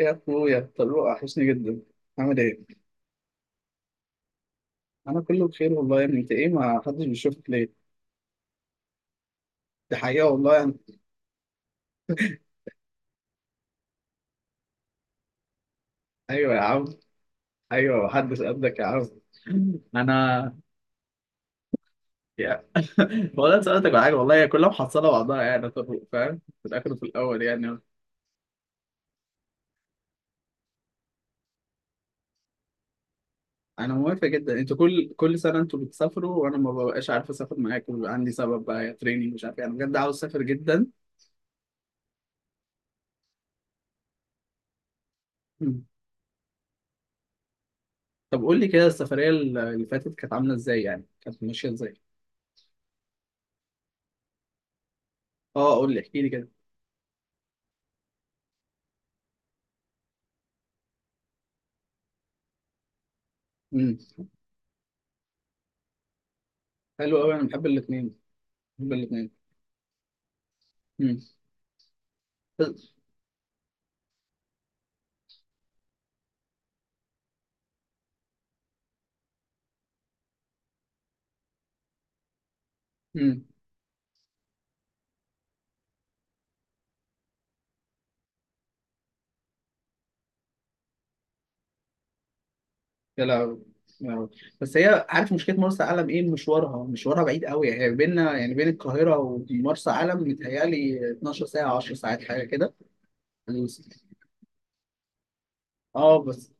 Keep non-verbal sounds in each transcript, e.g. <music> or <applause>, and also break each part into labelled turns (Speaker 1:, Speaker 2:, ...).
Speaker 1: إيه يا اخويا طارق، وحشني جدا. عامل ايه؟ انا كله بخير والله يا ابني. انت ايه، ما حدش بيشوفك ليه؟ دي حقيقه والله يعني. ايوه يا عم. ايوه محدش قدك يا عم. <laughs> انا يا <laughs> والله أنا سألتك على حاجه، والله هي كلها محصله بعضها يعني يا طارق، فاهم؟ في الاخر وفي الاول يعني. انا موافق جدا. انتوا كل سنه انتوا بتسافروا وانا ما ببقاش عارف اسافر معاكم، بيبقى عندي سبب بقى، يا تريننج مش عارف، يعني بجد عاوز اسافر جدا. مم. طب قول لي كده السفريه اللي فاتت كانت عامله ازاي، يعني كانت ماشيه ازاي؟ اه قول لي، احكي لي. كده حلو قوي، انا بحب الاثنين، بحب الاثنين. امم. امم. يا لهوي. يا لهوي. بس هي، عارف مشكله مرسى علم ايه؟ مشوارها، مشوارها بعيد قوي. هي بيننا يعني بين القاهره ومرسى علم متهيألي 12 ساعه، 10 ساعات حاجه كده. اه بس.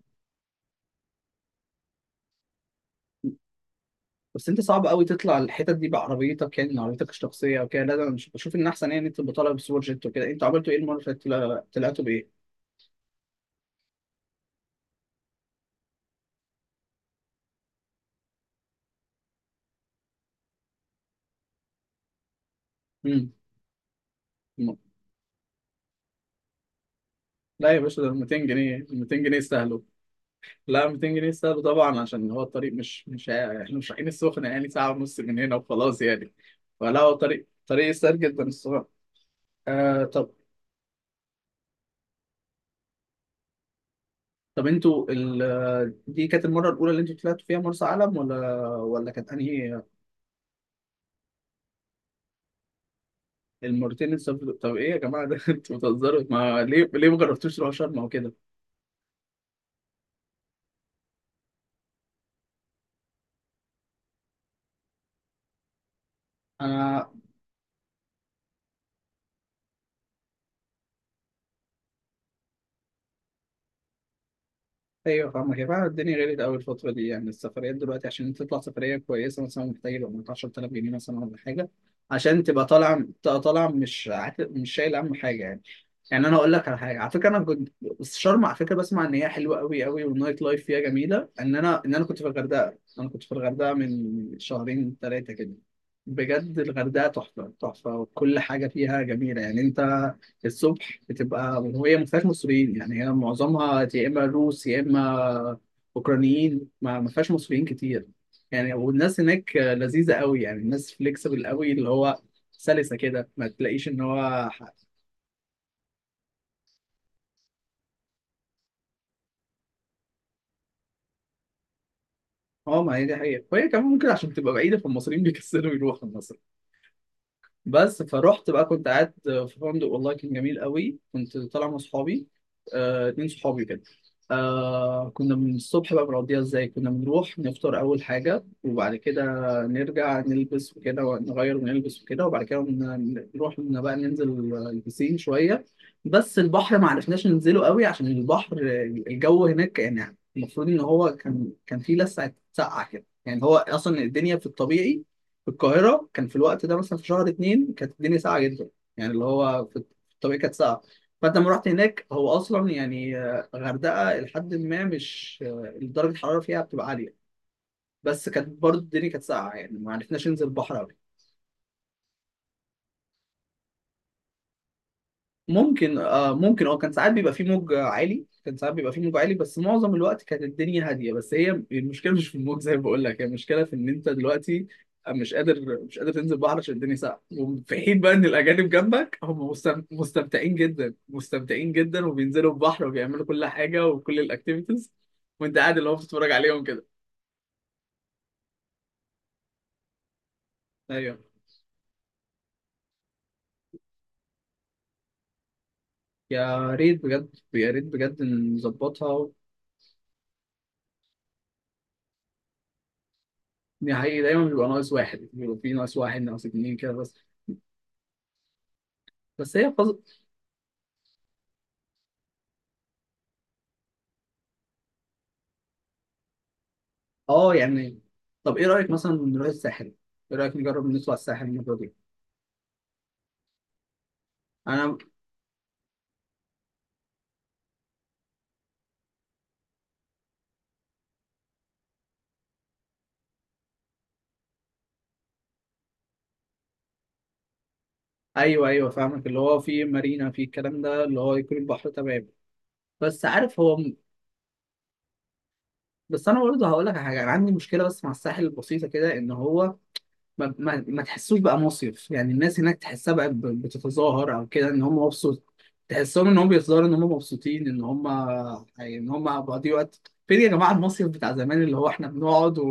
Speaker 1: بس انت صعب قوي تطلع الحتت دي بعربيتك، يعني عربيتك الشخصيه وكده، لا ده انا مش بشوف ان احسن، يعني تبقى طالع بسوبر جيت وكده. انتوا عملتوا ايه المره اللي فاتت، طلعتوا بايه؟ امم. لا يا باشا، ده 200 جنيه، 200 جنيه سهل. لا 200 جنيه سهل طبعا، عشان هو الطريق مش احنا مش رايحين السخنة يعني، يعني ساعة ونص من هنا وخلاص يعني. فلا هو طريق، طريق سهل جدا الصراحة. آه طب. طب دي كانت المرة الأولى اللي انتوا طلعتوا فيها مرسى علم ولا كانت أنهي؟ طب ايه يا جماعة ده، <laughs> انتوا بتهزروا، ما ليه، ليه ما جربتوش تروحوا شرم أو كده؟ انا ايوه فاهمك يا، فعلا الدنيا غليت قوي الفتره دي، يعني السفريات دلوقتي عشان انت تطلع سفريه كويسه مثلا، محتاج يبقى معاك 10000 جنيه مثلا ولا حاجه، عشان تبقى طالع، تبقى طالع مش مش شايل هم حاجه يعني. يعني انا اقول لك على حاجه، على فكره انا كنت، بس شرم على فكره بسمع ان هي حلوه قوي قوي، والنايت لايف فيها جميله. ان انا كنت في الغردقه، انا كنت في الغردقه من شهرين ثلاثه كده. بجد الغردقه تحفه تحفه، وكل حاجه فيها جميله يعني. انت الصبح بتبقى، وهي ما فيهاش مصريين، يعني هي معظمها يا اما روس يا اما اوكرانيين، ما فيهاش مصريين كتير. يعني والناس هناك لذيذه قوي، يعني الناس فليكسبل قوي، اللي هو سلسه كده، ما تلاقيش ان هو اه. ما هي دي حقيقه، وهي كمان ممكن عشان تبقى بعيده فالمصريين بيكسلوا يروحوا مصر. بس فروحت بقى كنت قاعد في فندق والله كان جميل قوي. كنت طالع مع صحابي، آه، اتنين صحابي كده. آه كنا من الصبح بقى بنقضيها ازاي، كنا بنروح نفطر اول حاجة، وبعد كده نرجع نلبس وكده ونغير ونلبس وكده، وبعد كده نروح إن بقى ننزل، البسين شوية. بس البحر ما عرفناش ننزله قوي عشان البحر، الجو هناك، يعني المفروض ان هو كان، كان فيه لسعة سقعة كده. يعني هو اصلا الدنيا في الطبيعي في القاهرة كان في الوقت ده مثلا في شهر اتنين كانت الدنيا ساقعة جدا، يعني اللي هو في الطبيعي كانت ساقعة. فأنت لما رحت هناك هو أصلا يعني آه، غردقة لحد ما مش آه، درجة الحرارة فيها بتبقى عالية، بس كانت برضه الدنيا كانت ساقعة، يعني ما عرفناش ننزل البحر أوي. ممكن آه، ممكن اه. كان ساعات بيبقى فيه موج عالي، كان ساعات بيبقى فيه موج عالي، بس معظم الوقت كانت الدنيا هاديه. بس هي المشكله مش في الموج زي ما بقول لك، هي المشكله في ان انت دلوقتي آه، مش قادر تنزل البحر عشان الدنيا ساقعه، وفي حين بقى ان الاجانب جنبك هم مستمتعين جدا، مستمتعين جدا، وبينزلوا البحر وبيعملوا كل حاجه وكل الاكتيفيتيز، وانت قاعد اللي هو بتتفرج عليهم كده. ايوه، يا ريت بجد، يا ريت بجد نظبطها. دي حقيقي، دايما بيبقى ناقص واحد، بيبقى في ناقص واحد، ناقص اتنين كده بس. بس هي اه يعني، طب ايه رايك مثلا نروح الساحل؟ ايه رايك نجرب نطلع الساحل المره دي؟ انا ايوه، ايوه فاهمك، اللي هو في مارينا في الكلام ده، اللي هو يكون البحر تمام. بس عارف هو، بس انا برضه هقول لك على حاجه، انا عندي مشكله بس مع الساحل البسيطه كده، ان هو ما تحسوش بقى مصيف. يعني الناس هناك تحسها بقى بتتظاهر او كده ان هم مبسوط، تحسهم ان هم بيظهروا ان هم مبسوطين، ان هم يعني ان هم بيقضيوا وقت. فين يا جماعه المصيف بتاع زمان اللي هو احنا بنقعد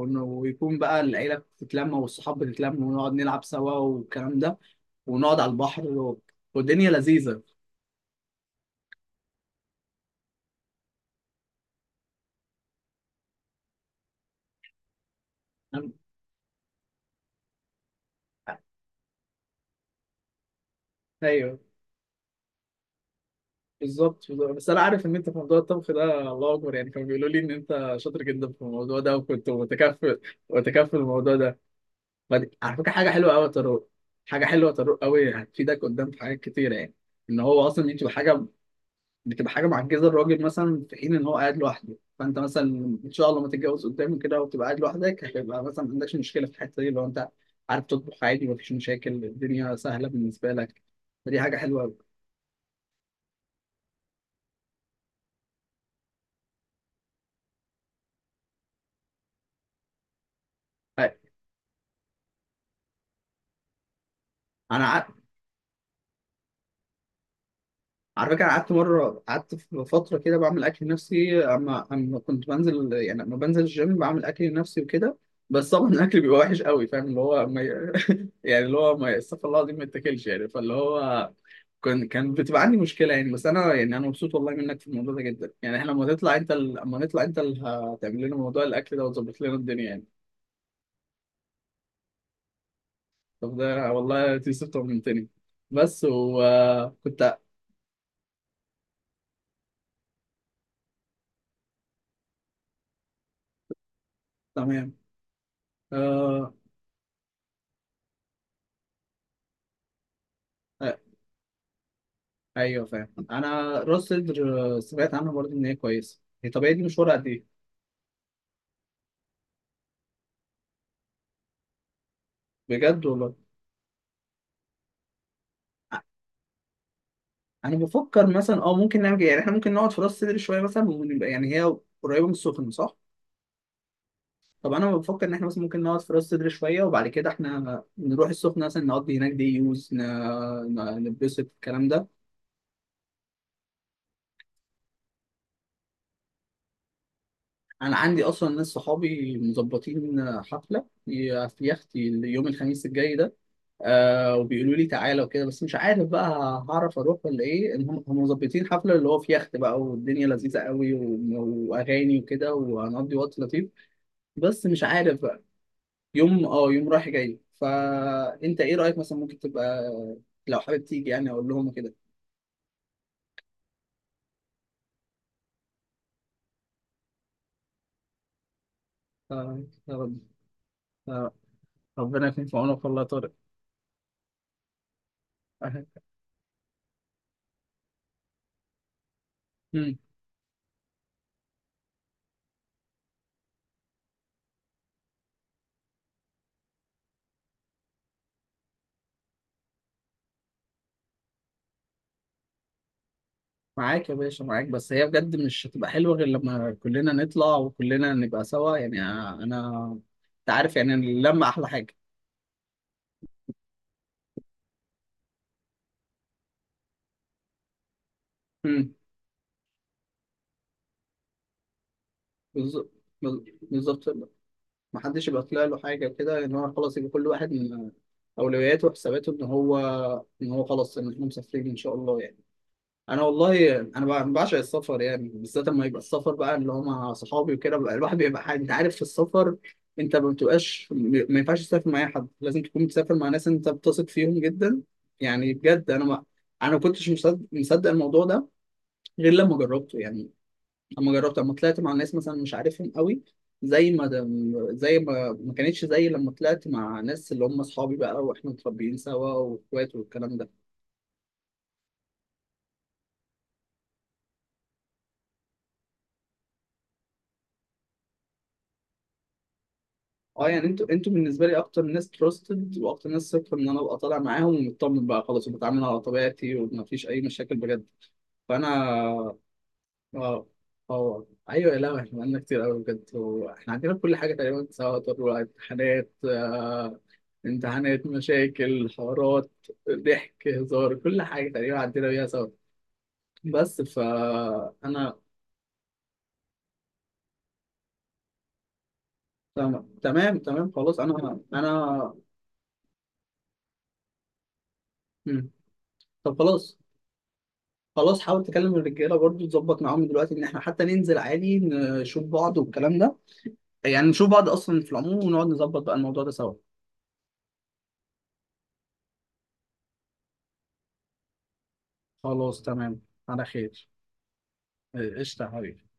Speaker 1: ويكون بقى العيله بتتلم والصحاب بتتلم، ونقعد نلعب سوا والكلام ده، ونقعد على البحر والدنيا لذيذه. ايوه، بالظبط بالظبط. بس انا عارف ان انت في موضوع الطبخ ده الله اكبر، يعني كانوا بيقولوا لي ان انت شاطر جدا في الموضوع ده وكنت متكفل، متكفل الموضوع ده. ما دي- على فكره حاجه حلوه قوي يا طارق، حاجه حلوه يا طارق قوي، هتفيدك قدام في حاجات كتيره يعني. ان هو اصلا دي بتبقى حاجه، بتبقى حاجه معجزه الراجل، مثلا في حين ان هو قاعد لوحده، فانت مثلا ان شاء الله ما تتجوز قدام كده وتبقى قاعد لوحدك، هتبقى مثلا ما عندكش مشكله في الحته دي لو انت عارف تطبخ عادي، مفيش مشاكل، الدنيا سهله بالنسبه لك. فدي حاجه حلوه قوي. انا على فكرة قعدت مرة، قعدت في فترة كده بعمل أكل نفسي، أما كنت بنزل، يعني أما بنزل الجيم بعمل أكل نفسي وكده، بس طبعا <laughs> الأكل بيبقى وحش قوي، فاهم اللي هو ما ي... <laughs> يعني اللي هو ما، استغفر الله العظيم، ما يتاكلش يعني، فاللي هو كان بتبقى عندي مشكلة يعني. بس أنا يعني، أنا مبسوط والله منك في الموضوع ده جدا، يعني إحنا لما تطلع أنت لما نطلع أنت اللي هتعمل لنا موضوع الأكل ده وتظبط لنا الدنيا يعني. طب ده والله تيسير طمنتني. بس وكنت، تمام. آه. ايوه فاهم، انا راس صدر آه، سمعت عنها برضه ان هي كويسه. هي طب هي دي مشوارها قد ايه؟ بجد والله. أ- انا بفكر مثلا اه ممكن نعمل كده. يعني احنا ممكن نقعد في راس صدر شويه مثلا، ونبقى يعني، هي قريبه من السخنه صح؟ طب انا بفكر ان احنا مثلا ممكن نقعد في راس صدر شويه، وبعد كده احنا نروح السخنه مثلا، نقضي هناك دي يوز نتبسط الكلام ده. انا عندي اصلا ناس صحابي مظبطين حفله في يختي يوم الخميس الجاي ده، آه وبيقولوا لي تعالى وكده، بس مش عارف بقى هعرف اروح ولا ايه. ان هم مظبطين حفله اللي هو في يخت بقى، والدنيا لذيذه قوي، واغاني وكده، وهنقضي وقت لطيف، بس مش عارف بقى. يوم اه، يوم رايح جاي، فانت ايه رايك مثلا، ممكن تبقى لو حابب تيجي، يعني اقول لهم كده. آه، يا رب. آه، ربنا يكون في عونك والله يا طارق. <laughs> آه. مم. معاك يا باشا معاك، بس هي بجد مش هتبقى حلوه غير لما كلنا نطلع وكلنا نبقى سوا، يعني آه، انا، انت عارف يعني اللمه احلى حاجه. امم. بالظبط بالظبط. ما حدش يبقى طلع له حاجه كده، ان هو خلاص يبقى كل واحد من اولوياته وحساباته ان هو، ان هو خلاص ان احنا مسافرين ان شاء الله يعني. انا والله انا بعشق السفر، يعني بالذات لما يبقى السفر بقى اللي هو مع صحابي وكده، بقى الواحد بيبقى حاجة. انت عارف في السفر انت ما بتبقاش ما ينفعش تسافر مع اي حد، لازم تكون بتسافر مع ناس انت بتثق فيهم جدا. يعني بجد انا ما، انا ما كنتش مصدق الموضوع ده غير لما جربته يعني، لما جربت، لما طلعت مع ناس مثلا مش عارفهم قوي، زي ما، ما كانتش زي لما طلعت مع ناس اللي هم اصحابي بقى واحنا متربيين سوا واخوات والكلام ده. اه يعني انتوا بالنسبه لي اكتر ناس تراستد واكتر ناس ثقه ان انا ابقى طالع معاهم ومطمن بقى خلاص، وبتعامل على طبيعتي ومفيش اي مشاكل بجد، فانا اه. اه ايوه، لا احنا عندنا كتير قوي بجد، واحنا عندنا كل حاجه تقريبا، سواء امتحانات آه، امتحانات، مشاكل، حوارات، ضحك، هزار، كل حاجه تقريبا عندنا بيها سوا. بس فانا، تمام تمام تمام خلاص، انا. مم. طب خلاص. خلاص حاول تكلم الرجاله برضو، تظبط معاهم دلوقتي ان احنا حتى ننزل عادي نشوف بعض والكلام ده، يعني نشوف بعض اصلا في العموم، ونقعد نظبط بقى الموضوع ده سوا. خلاص، تمام. على خير. إيه، قشطة يا حبيبي.